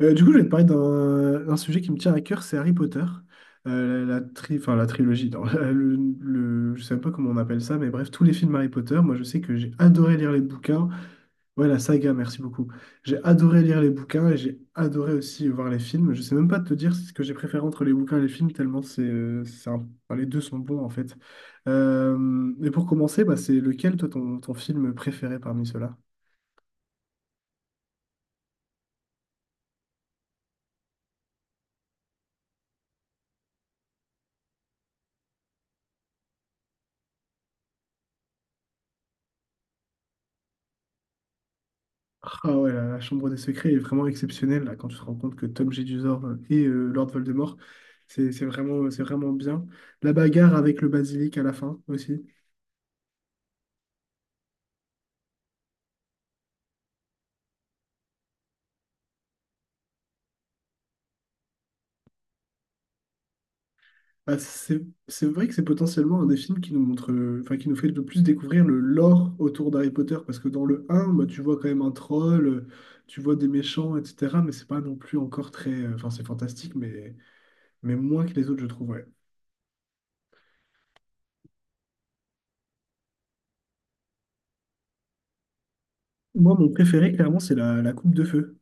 Je vais te parler d'un sujet qui me tient à cœur, c'est Harry Potter. La trilogie, non, je sais même pas comment on appelle ça, mais bref, tous les films Harry Potter, moi je sais que j'ai adoré lire les bouquins. Ouais, la saga, merci beaucoup. J'ai adoré lire les bouquins et j'ai adoré aussi voir les films. Je sais même pas te dire ce que j'ai préféré entre les bouquins et les films, tellement les deux sont bons en fait. Et pour commencer, bah, c'est lequel, toi, ton film préféré parmi ceux-là? Ah ouais, la Chambre des Secrets est vraiment exceptionnelle là, quand tu te rends compte que Tom Jedusor et Lord Voldemort, c'est vraiment, c'est vraiment bien. La bagarre avec le basilic à la fin aussi. Bah, c'est c'est vrai que c'est potentiellement un des films qui nous montre, enfin qui nous fait le plus découvrir le lore autour d'Harry Potter, parce que dans le un bah, tu vois quand même un troll, tu vois des méchants, etc. Mais c'est pas non plus encore très, enfin c'est fantastique, mais moins que les autres, je trouve, ouais. Moi, mon préféré, clairement, c'est la coupe de feu.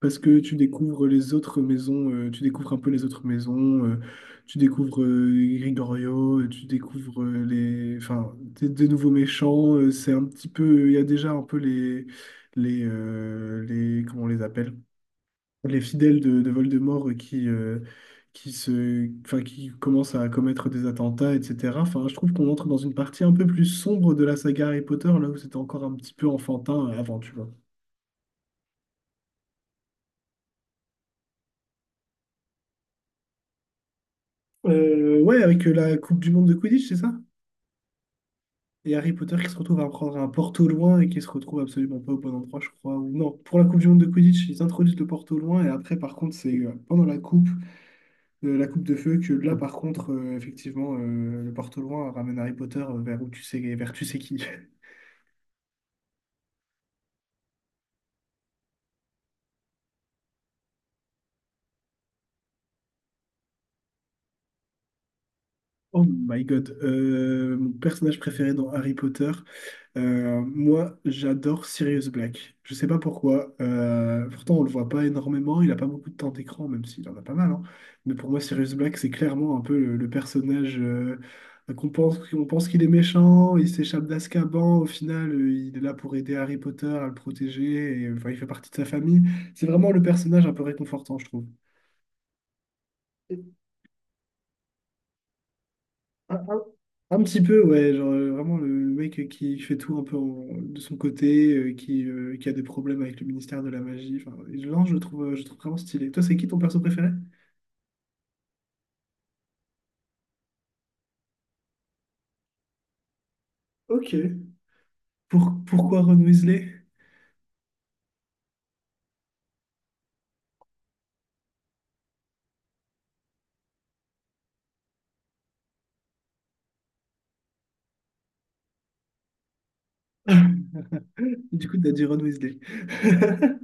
Parce que tu découvres les autres maisons, tu découvres un peu les autres maisons, tu découvres Grigorio, tu découvres des nouveaux méchants. C'est un petit peu, il y a déjà un peu les, comment on les appelle? Les fidèles de Voldemort qui qui commencent à commettre des attentats, etc. Enfin, je trouve qu'on entre dans une partie un peu plus sombre de la saga Harry Potter, là où c'était encore un petit peu enfantin avant, tu vois. Ouais, avec la Coupe du Monde de Quidditch, c'est ça? Et Harry Potter qui se retrouve à prendre un Porto loin et qui se retrouve absolument pas au bon endroit, je crois. Ou non, pour la Coupe du Monde de Quidditch, ils introduisent le Porto loin et après, par contre, c'est pendant la coupe de feu, que là, par contre, effectivement, le Porto loin ramène Harry Potter vers où tu sais, vers tu sais qui. Oh my God. Mon personnage préféré dans Harry Potter. Moi, j'adore Sirius Black. Je sais pas pourquoi. Pourtant, on le voit pas énormément. Il a pas beaucoup de temps d'écran, même s'il en a pas mal, hein. Mais pour moi, Sirius Black, c'est clairement un peu le personnage qu'on pense qu'il est méchant. Il s'échappe d'Azkaban. Au final, il est là pour aider Harry Potter à le protéger. Et, enfin, il fait partie de sa famille. C'est vraiment le personnage un peu réconfortant, je trouve. Un, un- un petit peu, ouais, genre vraiment le mec qui fait tout un peu de son côté, qui a des problèmes avec le ministère de la magie. Enfin, et non, je le trouve vraiment stylé. Toi, c'est qui ton perso préféré? Ok. Pourquoi Ron Weasley? Du coup, t'as dit Ron Weasley.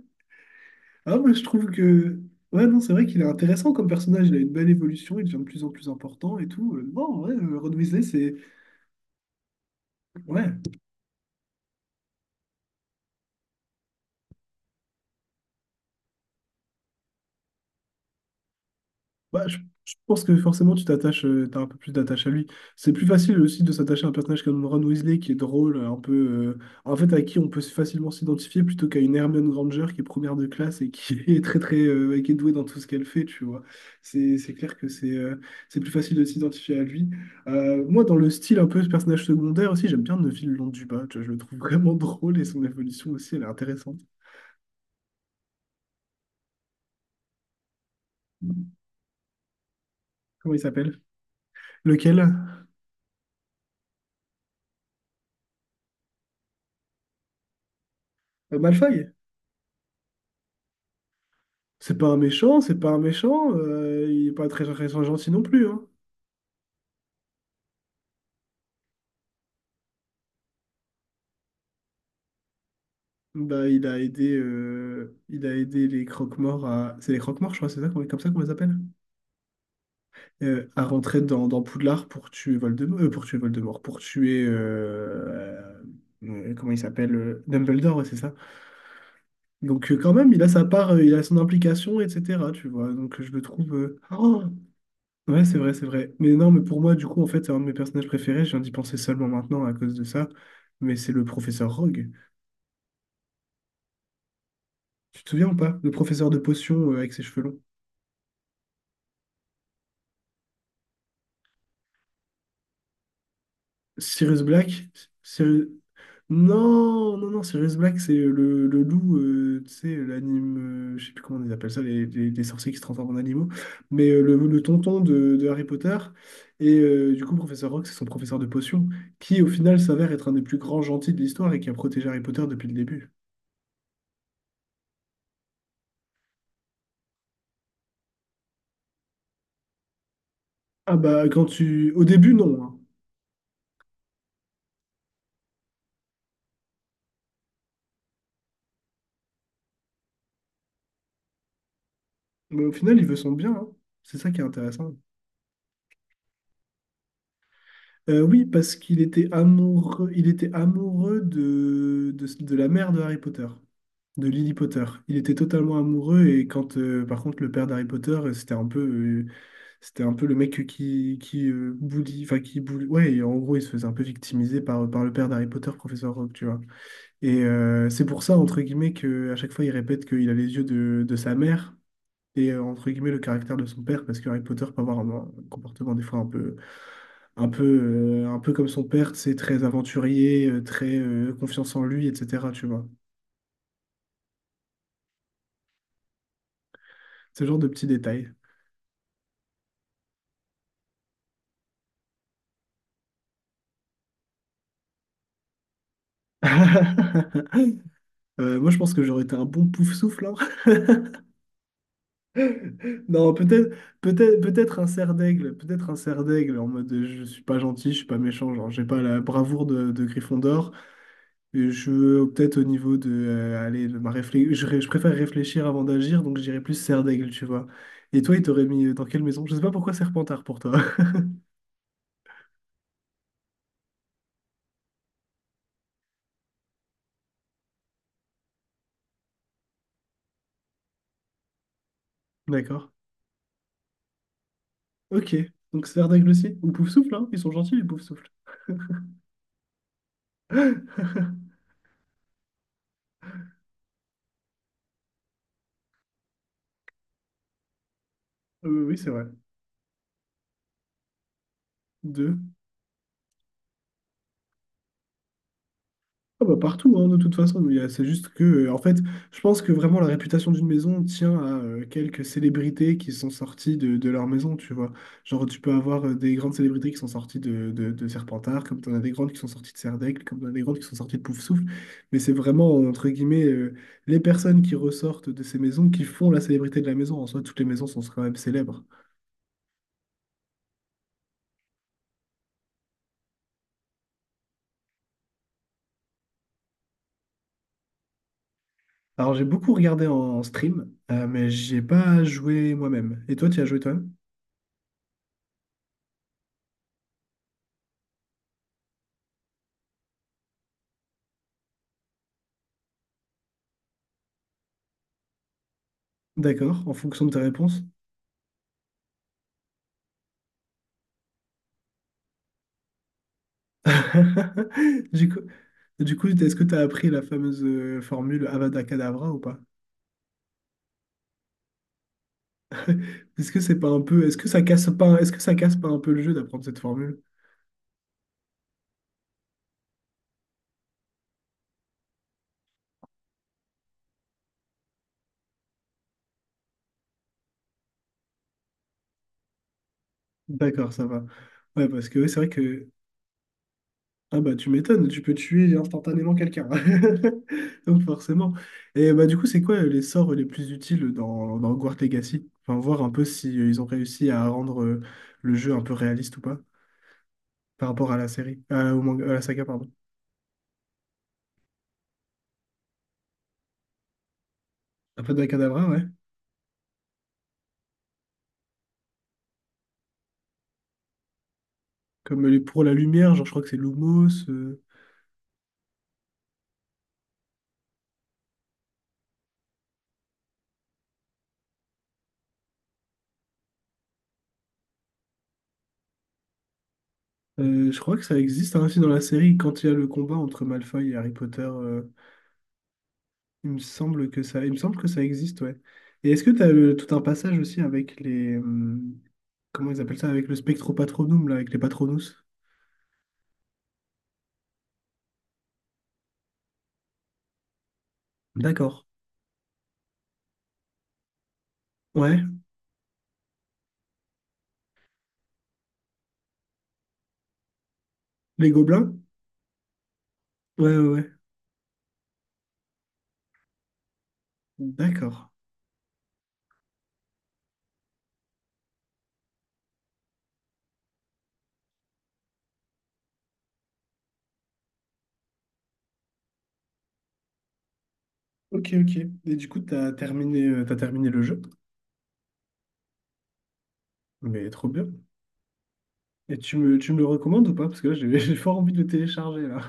Ah, moi, je trouve que. Ouais, non, c'est vrai qu'il est intéressant comme personnage. Il a une belle évolution, il devient de plus en plus important et tout. Non, ouais, Ron Weasley, c'est. Ouais. Bah, je, je pense que forcément tu t'attaches, t'as un peu plus d'attache à lui. C'est plus facile aussi de s'attacher à un personnage comme Ron Weasley qui est drôle, en fait à qui on peut facilement s'identifier plutôt qu'à une Hermione Granger qui est première de classe et qui est très très, et qui est douée dans tout ce qu'elle fait, tu vois. C'est clair que c'est plus facile de s'identifier à lui. Moi dans le style un peu ce personnage secondaire aussi, j'aime bien Neville Londubat, tu vois, je le trouve vraiment drôle et son évolution aussi elle est intéressante. Comment il s'appelle? Lequel? Malfoy? C'est pas un méchant, c'est pas un méchant. Il est pas très, très gentil non plus, hein. Bah, il a aidé les croque-morts à. C'est les croque-morts, je crois, c'est ça, comme ça qu'on les appelle? À rentrer dans Poudlard pour tuer Voldemort. Pour tuer Voldemort, pour tuer. Comment il s'appelle? Dumbledore, ouais, c'est ça. Donc, quand même, il a sa part, il a son implication, etc. Tu vois, donc je le trouve. Oh Ouais, c'est vrai, c'est vrai. Mais non, mais pour moi, du coup, en fait, c'est un de mes personnages préférés. Je viens d'y penser seulement maintenant à cause de ça. Mais c'est le professeur Rogue. Tu te souviens ou pas? Le professeur de potions avec ses cheveux longs. Sirius Black? Sirius... Non, non, non, Sirius Black, c'est le loup, tu sais, l'anime. Je sais plus comment ils appellent ça, les sorciers qui se transforment en animaux. Mais le tonton de Harry Potter. Et du coup, professeur Rogue, c'est son professeur de potions, qui au final s'avère être un des plus grands gentils de l'histoire et qui a protégé Harry Potter depuis le début. Ah bah quand tu... Au début, non, hein. Mais au final, il veut son bien, hein. C'est ça qui est intéressant. Oui, parce qu'il était amoureux, il était amoureux de... de la mère de Harry Potter, de Lily Potter. Il était totalement amoureux et quand, par contre, le père d'Harry Potter, c'était un peu le mec qui ouais, et en gros, il se faisait un peu victimiser par le père d'Harry Potter, professeur Rogue, tu vois. Et c'est pour ça, entre guillemets, que à chaque fois, il répète qu'il a les yeux de sa mère. Et entre guillemets le caractère de son père parce que Harry Potter peut avoir un comportement des fois un peu un peu comme son père. C'est très aventurier, très confiance en lui, etc, tu vois, ce genre de petits détails. Moi je pense que j'aurais été un bon pouf souffle. Non, peut-être un cerf d'aigle, peut-être un cerf d'aigle en mode je suis pas gentil je suis pas méchant, genre j'ai pas la bravoure de Gryffondor. Je Peut-être au niveau de allez, de ma réflexion, je préfère réfléchir avant d'agir, donc j'irais plus serre, tu vois. Et toi, il t'aurait mis dans quelle maison? Je sais pas pourquoi Serpentard pour toi. D'accord. Ok. Donc serre aussi. Ou poufsouffle hein? Ils sont gentils, les poufsouffles. Souffle. Oui, oui, c'est vrai. Deux. Ah bah, partout, hein, de toute façon, c'est juste que, en fait, je pense que vraiment la réputation d'une maison tient à quelques célébrités qui sont sorties de leur maison, tu vois. Genre, tu peux avoir des grandes célébrités qui sont sorties de Serpentard, comme tu en as des grandes qui sont sorties de Serdaigle, comme tu as des grandes qui sont sorties de Pouf-Souffle, mais c'est vraiment, entre guillemets, les personnes qui ressortent de ces maisons qui font la célébrité de la maison. En soi, toutes les maisons sont quand même célèbres. Alors, j'ai beaucoup regardé en stream, mais j'ai pas joué moi-même. Et toi, tu y as joué toi-même? D'accord, en fonction de ta réponse. Du coup, du coup, est-ce que tu as appris la fameuse formule Avada Kedavra ou pas? Est-ce que c'est pas un peu, est-ce que ça casse pas un peu le jeu d'apprendre cette formule? D'accord, ça va. Ouais, parce que ouais, c'est vrai que ah bah tu m'étonnes, tu peux tuer instantanément quelqu'un. Donc forcément. Et bah du coup, c'est quoi les sorts les plus utiles dans Hogwarts Legacy? Enfin, voir un peu si ils ont réussi à rendre le jeu un peu réaliste ou pas par rapport à la série, à la saga, pardon. Avada Kedavra, pour la lumière, genre je crois que c'est Lumos. Je crois que ça existe hein, aussi dans la série quand il y a le combat entre Malfoy et Harry Potter. Il me semble que ça, il me semble que ça existe, ouais. Et est-ce que tu as tout un passage aussi avec les, comment ils appellent ça, avec le Spectropatronum là, avec les Patronus? D'accord. Ouais. Les gobelins? Ouais, ouais, ouais. D'accord. Ok, ok. Et du coup, t'as terminé le jeu? Mais trop bien. Et tu me le recommandes ou pas? Parce que là, j'ai j'ai fort envie de le télécharger là.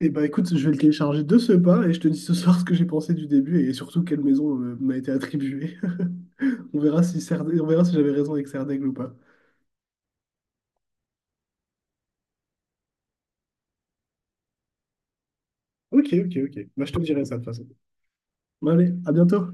Eh bah écoute, je vais le télécharger de ce pas et je te dis ce soir ce que j'ai pensé du début et surtout quelle maison m'a été attribuée. On verra si j'avais raison avec Serdaigle ou pas. Ok, ok, ok. Bah je te dirai ça de toute façon. Bah allez, à bientôt.